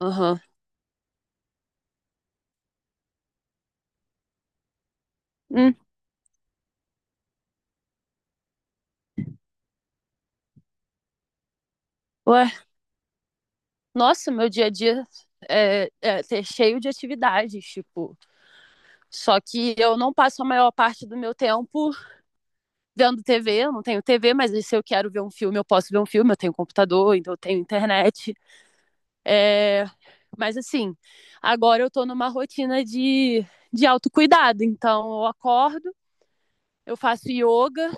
Aham. Hum, ué, nossa, meu dia a dia é cheio de atividades, tipo. Só que eu não passo a maior parte do meu tempo vendo TV, eu não tenho TV, mas se eu quero ver um filme, eu posso ver um filme, eu tenho computador, então eu tenho internet. É, mas assim, agora eu tô numa rotina de autocuidado, então eu acordo, eu faço yoga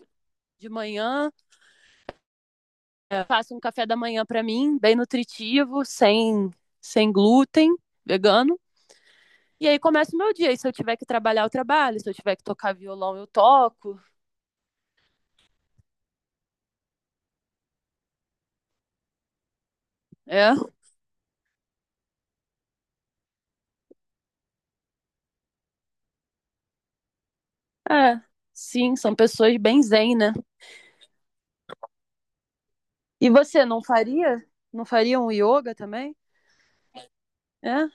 de manhã, faço um café da manhã pra mim, bem nutritivo, sem glúten, vegano. E aí começa o meu dia. E se eu tiver que trabalhar, eu trabalho. Se eu tiver que tocar violão, eu toco. É, é. Sim, são pessoas bem zen, né? E você não faria? Não faria um yoga também? É?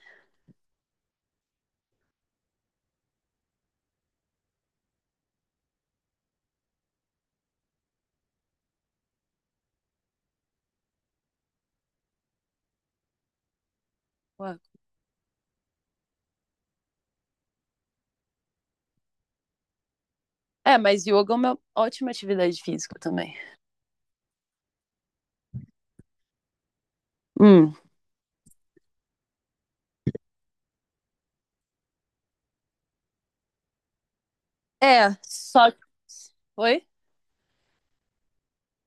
Ué. É, mas yoga é uma ótima atividade física também. Hum. É, só. Oi?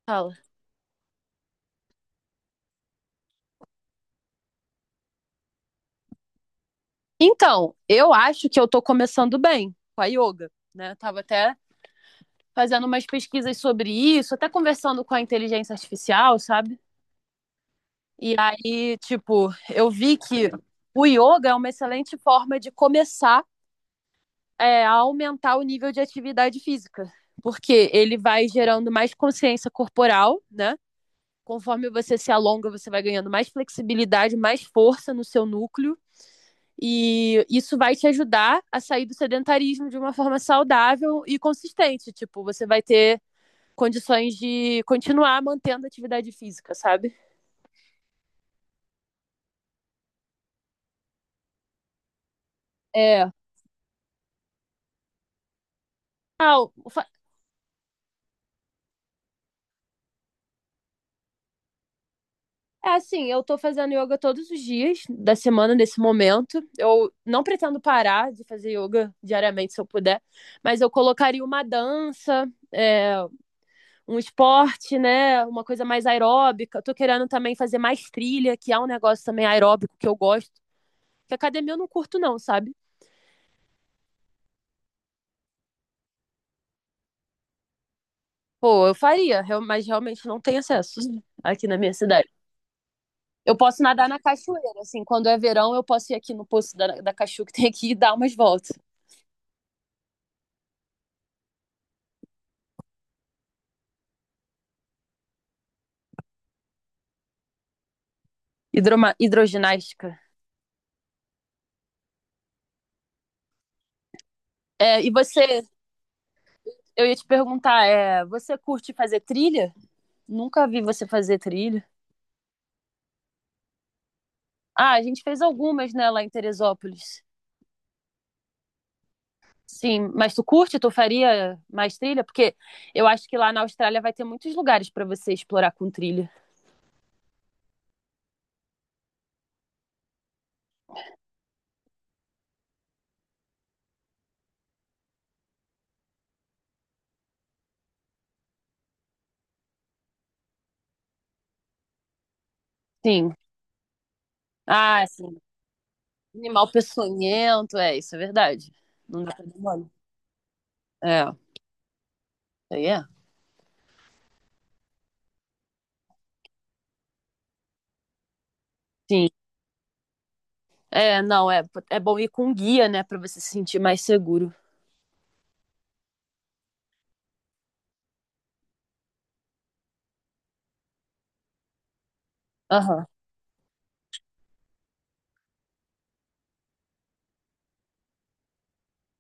Fala. Então, eu acho que eu tô começando bem com a yoga, né? Eu tava até fazendo umas pesquisas sobre isso, até conversando com a inteligência artificial, sabe? E aí, tipo, eu vi que o yoga é uma excelente forma de começar a aumentar o nível de atividade física, porque ele vai gerando mais consciência corporal, né? Conforme você se alonga, você vai ganhando mais flexibilidade, mais força no seu núcleo, e isso vai te ajudar a sair do sedentarismo de uma forma saudável e consistente. Tipo, você vai ter condições de continuar mantendo a atividade física, sabe? É. Ah, é assim, eu tô fazendo yoga todos os dias da semana nesse momento. Eu não pretendo parar de fazer yoga diariamente se eu puder, mas eu colocaria uma dança, um esporte, né? Uma coisa mais aeróbica. Eu tô querendo também fazer mais trilha, que é um negócio também aeróbico que eu gosto. Porque academia eu não curto, não, sabe? Pô, eu faria, mas realmente não tem acesso aqui na minha cidade. Eu posso nadar na cachoeira, assim, quando é verão, eu posso ir aqui no poço da Cachu que tem aqui e dar umas voltas. Hidroginástica. É, e você, eu ia te perguntar, você curte fazer trilha? Nunca vi você fazer trilha. Ah, a gente fez algumas, né, lá em Teresópolis. Sim, mas tu curte? Tu faria mais trilha? Porque eu acho que lá na Austrália vai ter muitos lugares para você explorar com trilha. Sim. Ah, sim. Animal peçonhento, é, isso é verdade. Não dá pra dar mole. É, aí é. Sim. É, não, é, é bom ir com guia, né, para você se sentir mais seguro. Aham.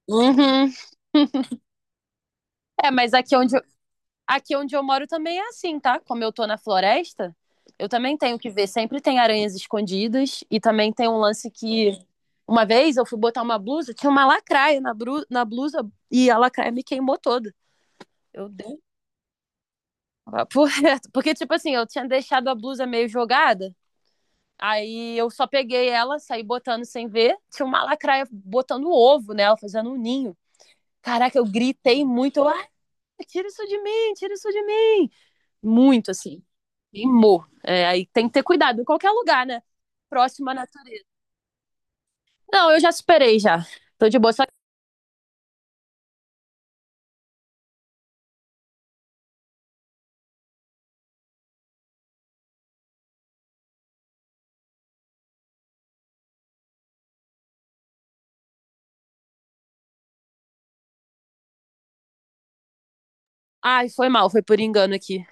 Uhum. É, mas aqui onde, aqui onde eu moro também é assim, tá? Como eu tô na floresta, eu também tenho que ver. Sempre tem aranhas escondidas e também tem um lance que. Uma vez eu fui botar uma blusa, tinha uma lacraia na, na blusa e a lacraia me queimou toda. Eu dei um papo reto. Porque, tipo assim, eu tinha deixado a blusa meio jogada, aí eu só peguei ela, saí botando sem ver. Tinha uma lacraia botando um ovo nela, fazendo um ninho. Caraca, eu gritei muito. Eu, ah, tira isso de mim, tira isso de mim. Muito, assim. Queimou. É, aí tem que ter cuidado em qualquer lugar, né? Próxima natureza. Não, eu já superei já. Tô de boa. Só... Ai, foi mal, foi por engano aqui.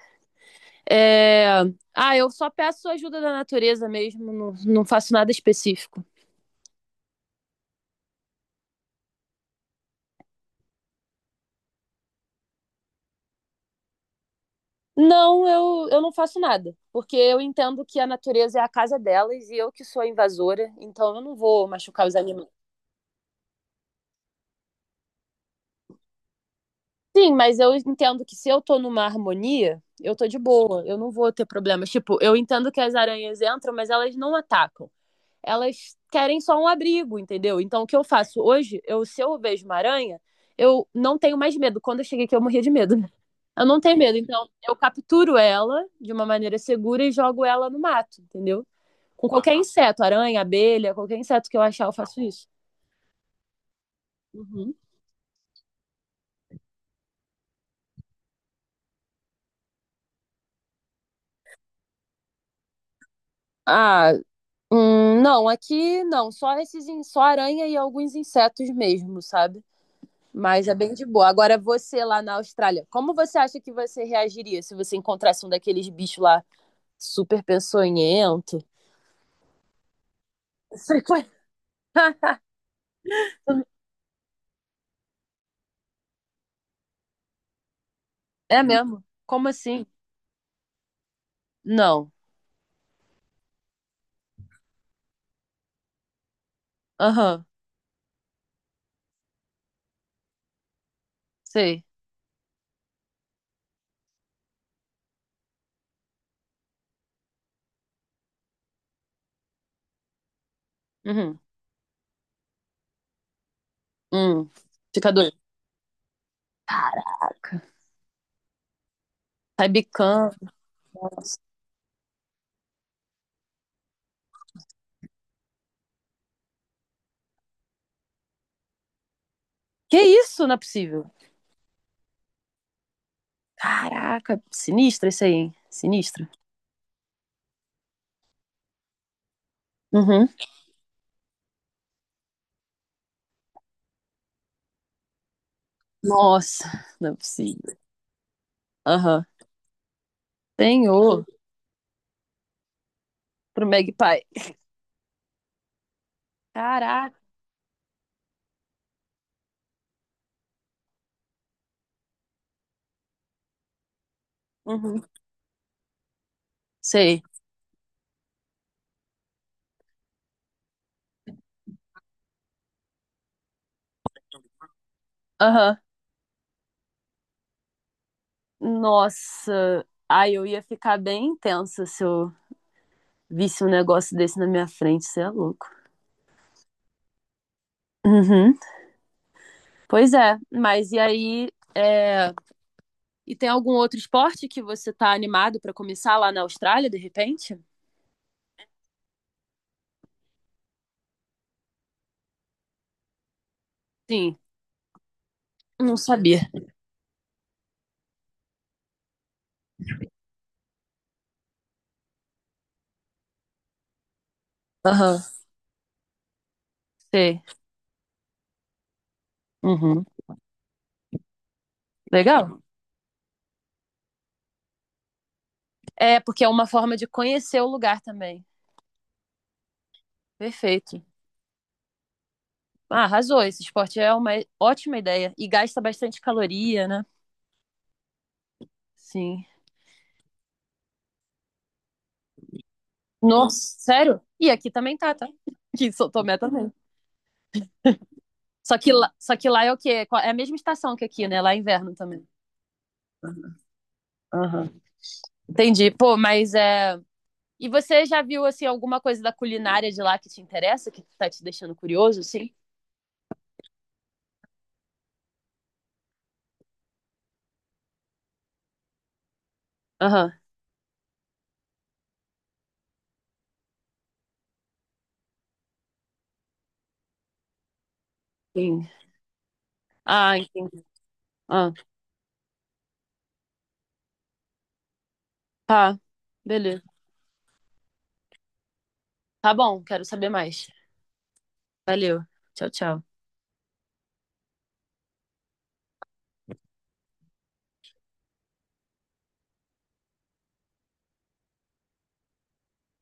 É... Ah, eu só peço ajuda da natureza mesmo, não, não faço nada específico. Não, eu não faço nada, porque eu entendo que a natureza é a casa delas e eu que sou a invasora, então eu não vou machucar os animais. Sim, mas eu entendo que se eu tô numa harmonia, eu tô de boa, eu não vou ter problemas. Tipo, eu entendo que as aranhas entram, mas elas não atacam. Elas querem só um abrigo, entendeu? Então, o que eu faço hoje, eu, se eu vejo uma aranha, eu não tenho mais medo. Quando eu cheguei aqui, eu morria de medo. Eu não tenho medo. Então, eu capturo ela de uma maneira segura e jogo ela no mato, entendeu? Com qualquer inseto, aranha, abelha, qualquer inseto que eu achar, eu faço isso. Uhum. Ah, hum, não, aqui não, só esses, só aranha e alguns insetos mesmo, sabe? Mas é bem de boa. Agora você lá na Austrália, como você acha que você reagiria se você encontrasse um daqueles bichos lá super peçonhento? Você co- É mesmo? Como assim? Não. Aham, sei. Uhum. Hum. Fica doido. Caraca. Sai bicando. Nossa. Que isso? Não é possível. Caraca, sinistra isso aí, hein? Sinistra. Uhum. Nossa, não é possível. Aham. Senhor, pro Magpie. Caraca. Uhum. Sei. Aham. Nossa. Ai, eu ia ficar bem tensa se eu visse um negócio desse na minha frente. Você é louco. Uhum. Pois é, mas e aí? é, E tem algum outro esporte que você tá animado pra começar lá na Austrália, de repente? Sim, não sabia. Aham. Sei. Uhum. Legal. É, porque é uma forma de conhecer o lugar também. Perfeito. Ah, arrasou. Esse esporte é uma ótima ideia. E gasta bastante caloria, né? Sim. Nossa, sério? E aqui também tá, tá? Aqui em São Tomé também. Só que lá é o quê? É a mesma estação que aqui, né? Lá é inverno também. Aham. Entendi. Pô, mas é. E você já viu, assim, alguma coisa da culinária de lá que te interessa, que tá te deixando curioso, assim? Aham. Sim. Ah, entendi. Ah, tá. Beleza. Tá bom, quero saber mais. Valeu. Tchau, tchau.